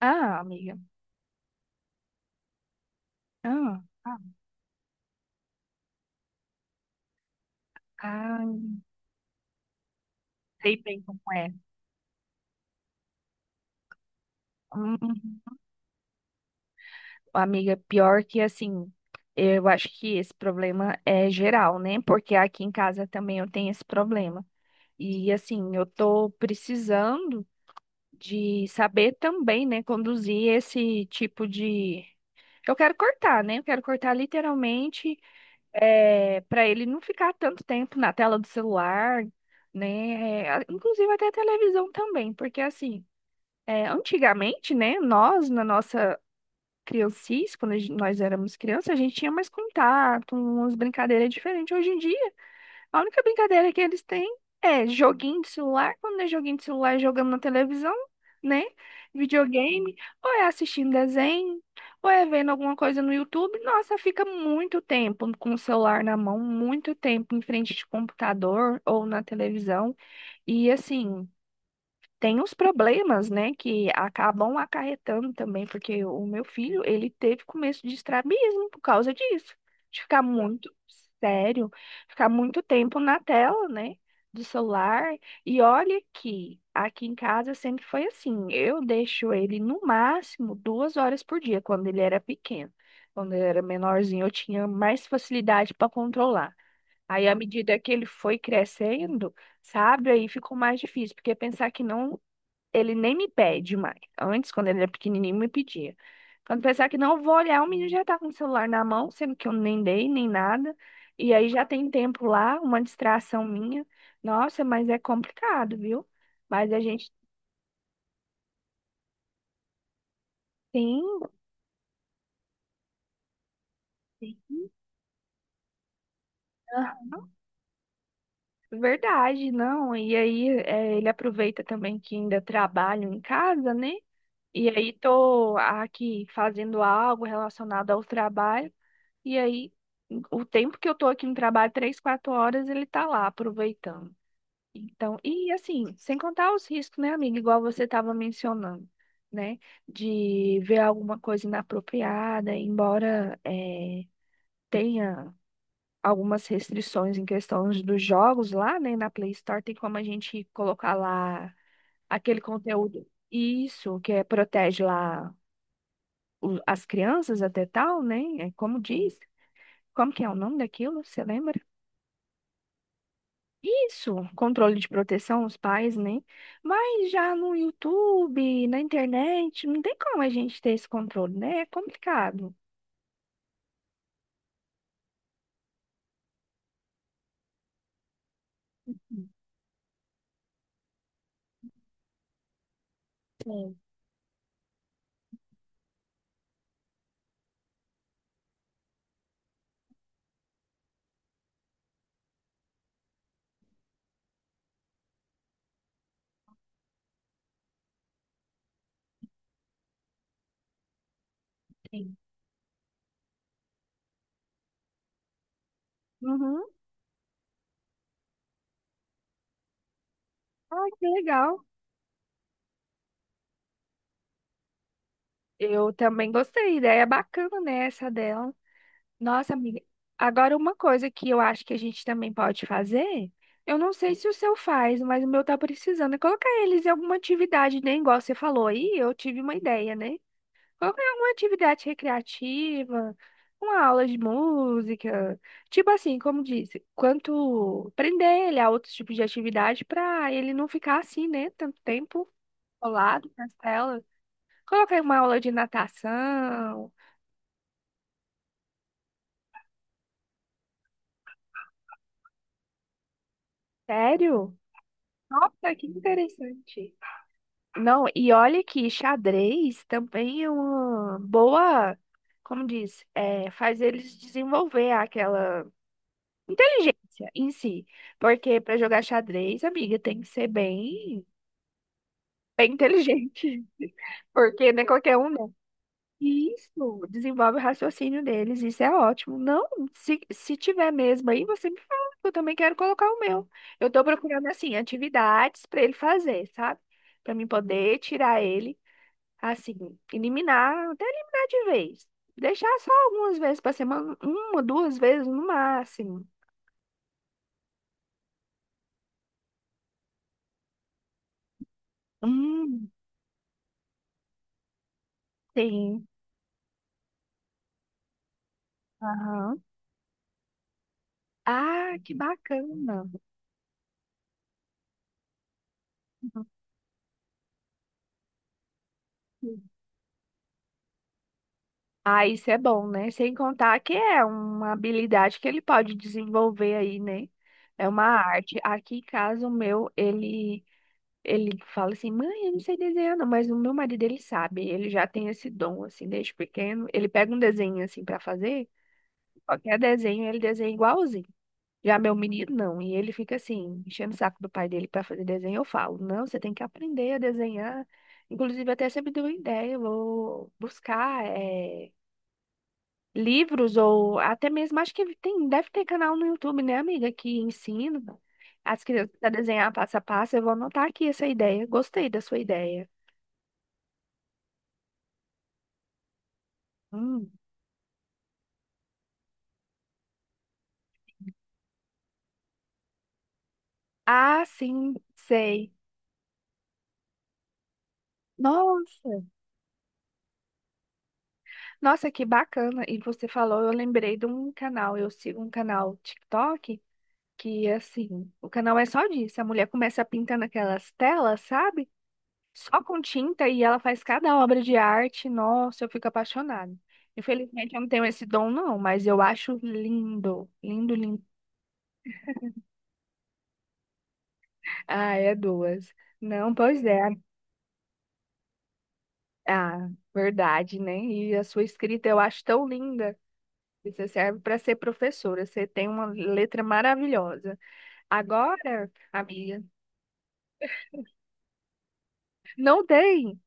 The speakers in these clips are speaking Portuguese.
Ah, amiga. Ah, ah, ah, sei bem como é. Hum, amiga, pior que assim, eu acho que esse problema é geral, né? Porque aqui em casa também eu tenho esse problema. E assim, eu tô precisando de saber também, né, conduzir esse tipo de. Eu quero cortar, né? Eu quero cortar literalmente, é, para ele não ficar tanto tempo na tela do celular, né? É, inclusive até a televisão também, porque assim. É, antigamente, né, nós, na nossa criancice, quando nós éramos crianças, a gente tinha mais contato, umas brincadeiras diferentes. Hoje em dia, a única brincadeira que eles têm é joguinho de celular, quando é joguinho de celular, é jogando na televisão, né? Videogame, ou é assistindo desenho, ou é vendo alguma coisa no YouTube. Nossa, fica muito tempo com o celular na mão, muito tempo em frente de computador ou na televisão. E assim tem os problemas, né, que acabam acarretando também, porque o meu filho, ele teve começo de estrabismo por causa disso, de ficar muito sério, ficar muito tempo na tela, né, do celular. E olha que aqui em casa sempre foi assim, eu deixo ele no máximo duas horas por dia, quando ele era pequeno. Quando ele era menorzinho, eu tinha mais facilidade para controlar. Aí, à medida que ele foi crescendo, sabe? Aí ficou mais difícil, porque pensar que não ele nem me pede mais. Antes, quando ele era pequenininho, me pedia. Quando pensar que não eu vou olhar, o menino já tá com o celular na mão, sendo que eu nem dei, nem nada. E aí já tem tempo lá, uma distração minha. Nossa, mas é complicado, viu? Mas a gente tem. Ah, verdade, não. E aí é, ele aproveita também que ainda trabalho em casa, né? E aí tô aqui fazendo algo relacionado ao trabalho. E aí, o tempo que eu tô aqui no trabalho, três, quatro horas, ele tá lá aproveitando. Então, e assim, sem contar os riscos, né, amiga? Igual você estava mencionando, né? De ver alguma coisa inapropriada, embora tenha algumas restrições em questão dos jogos lá, né? Na Play Store, tem como a gente colocar lá aquele conteúdo. Isso, que é, protege lá as crianças até tal, né? É como diz. Como que é o nome daquilo? Você lembra? Isso, controle de proteção, os pais, né? Mas já no YouTube, na internet, não tem como a gente ter esse controle, né? É complicado. Sim, sim. Uhum. Ah, que legal. Eu também gostei, ideia é bacana, né, essa dela. Nossa, amiga. Agora, uma coisa que eu acho que a gente também pode fazer, eu não sei se o seu faz, mas o meu tá precisando, é colocar eles em alguma atividade, né? Igual você falou aí, eu tive uma ideia, né? Qualquer uma atividade recreativa, uma aula de música, tipo assim, como disse, quanto prender ele a outros tipos de atividade para ele não ficar assim, né, tanto tempo colado nas telas. Coloquei uma aula de natação. Sério? Nossa, que interessante. Não, e olha que xadrez também é uma boa, como diz, é, faz eles desenvolver aquela inteligência em si. Porque para jogar xadrez, amiga, tem que ser bem, bem inteligente. Porque não é qualquer um, não. Isso, desenvolve o raciocínio deles, isso é ótimo. Não, se tiver mesmo aí, você me fala, que eu também quero colocar o meu. Eu tô procurando, assim, atividades para ele fazer, sabe? Para mim poder tirar ele, assim, eliminar, até eliminar de vez. Deixar só algumas vezes para semana, uma, duas vezes no máximo. Hum, sim. Aham. Ah, que bacana. Uhum. Ah, isso é bom, né? Sem contar que é uma habilidade que ele pode desenvolver aí, né? É uma arte. Aqui em casa, o meu, ele fala assim, mãe, eu não sei desenhar, não, mas o meu marido, ele sabe, ele já tem esse dom, assim, desde pequeno. Ele pega um desenho, assim, para fazer, qualquer desenho, ele desenha igualzinho. Já meu menino não, e ele fica assim, enchendo o saco do pai dele para fazer desenho. Eu falo, não, você tem que aprender a desenhar. Inclusive, até sempre deu ideia, eu vou buscar livros ou até mesmo, acho que tem, deve ter canal no YouTube, né, amiga, que ensina as crianças a desenhar passo a passo. Eu vou anotar aqui essa ideia. Gostei da sua ideia. Hum. Ah, sim, sei. Nossa, nossa, que bacana. E você falou, eu lembrei de um canal, eu sigo um canal TikTok. Que assim, o canal é só disso. A mulher começa a pintar naquelas telas, sabe? Só com tinta e ela faz cada obra de arte. Nossa, eu fico apaixonada. Infelizmente eu não tenho esse dom não, mas eu acho lindo, lindo, lindo. Ah, é duas. Não, pois é. Ah, verdade, né? E a sua escrita eu acho tão linda. Você serve para ser professora. Você tem uma letra maravilhosa. Agora, amiga, não tem.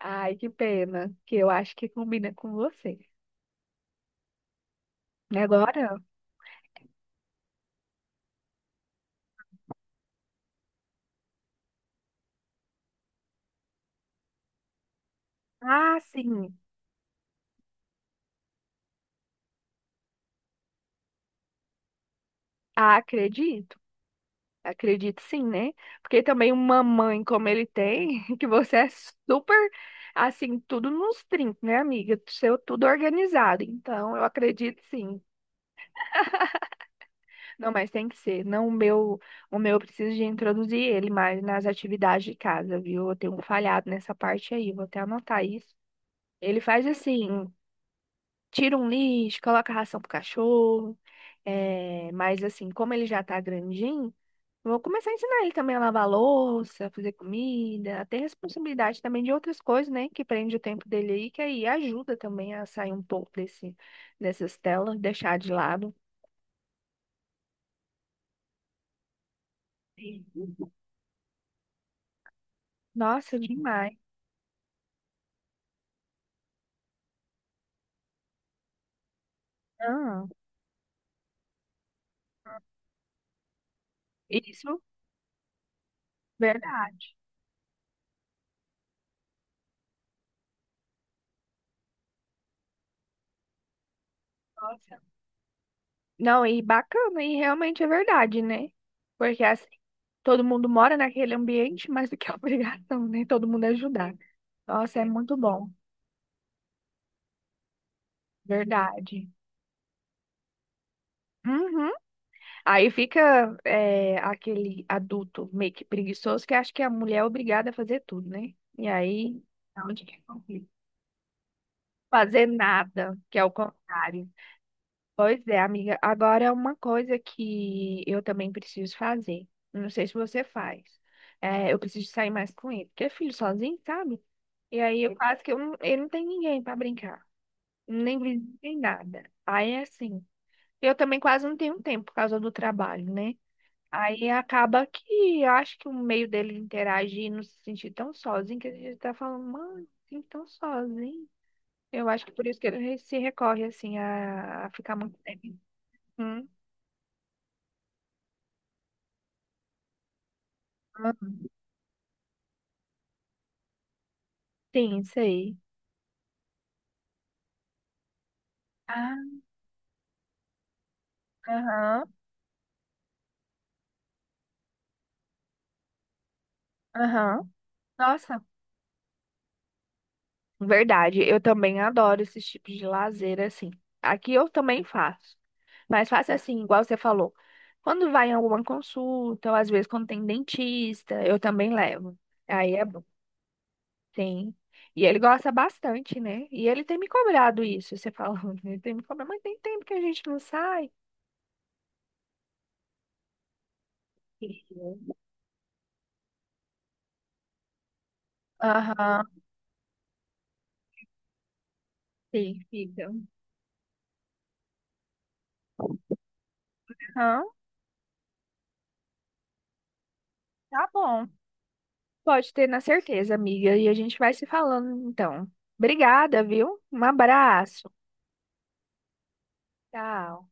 Ai, que pena, que eu acho que combina com você. Agora? Ah, sim. Ah, acredito. Acredito sim, né? Porque também uma mãe como ele tem, que você é super, assim, tudo nos trinques, né, amiga? Seu tudo organizado. Então, eu acredito sim. Não, mas tem que ser. Não o meu, o meu eu preciso de introduzir ele mais nas atividades de casa, viu? Eu tenho falhado nessa parte aí, vou até anotar isso. Ele faz assim, tira um lixo, coloca ração pro cachorro. É, mas assim, como ele já tá grandinho, vou começar a ensinar ele também a lavar louça, fazer comida, a ter responsabilidade também de outras coisas, né? Que prende o tempo dele aí, que aí ajuda também a sair um pouco desse, dessas telas, deixar de lado. Nossa, demais. Ah, isso, verdade. Nossa. Não, e bacana, e realmente é verdade, né? Porque assim, todo mundo mora naquele ambiente, mas do que é obrigação, né? Todo mundo ajudar. Nossa, é muito bom. Verdade. Uhum. Aí fica é, aquele adulto meio que preguiçoso que acha que a mulher é obrigada a fazer tudo, né? E aí, aonde que é conflito? Fazer nada, que é o contrário. Pois é, amiga. Agora é uma coisa que eu também preciso fazer. Não sei se você faz. É, eu preciso sair mais com ele, porque é filho sozinho, sabe? E aí eu quase que eu não, ele não tem ninguém para brincar, nem vizinho, nem nada. Aí é assim. Eu também quase não tenho tempo por causa do trabalho, né? Aí acaba que acho que o meio dele interagir e não se sentir tão sozinho, que ele tá falando, mano, assim, tão sozinho. Eu acho que por isso que ele se recorre, assim, a ficar muito tempo. Hum, hum. Sim, isso aí. Ah, aham, aham. Nossa, verdade. Eu também adoro esses tipos de lazer, assim. Aqui eu também faço. Mas faço assim, igual você falou. Quando vai em alguma consulta, ou às vezes quando tem dentista, eu também levo. Aí é bom. Sim. E ele gosta bastante, né? E ele tem me cobrado isso, você falando. Ele tem me cobrado, mas tem tempo que a gente não sai. Isso. Aham, sim, fica. Aham. Tá bom. Pode ter na certeza, amiga. E a gente vai se falando, então. Obrigada, viu? Um abraço. Tchau.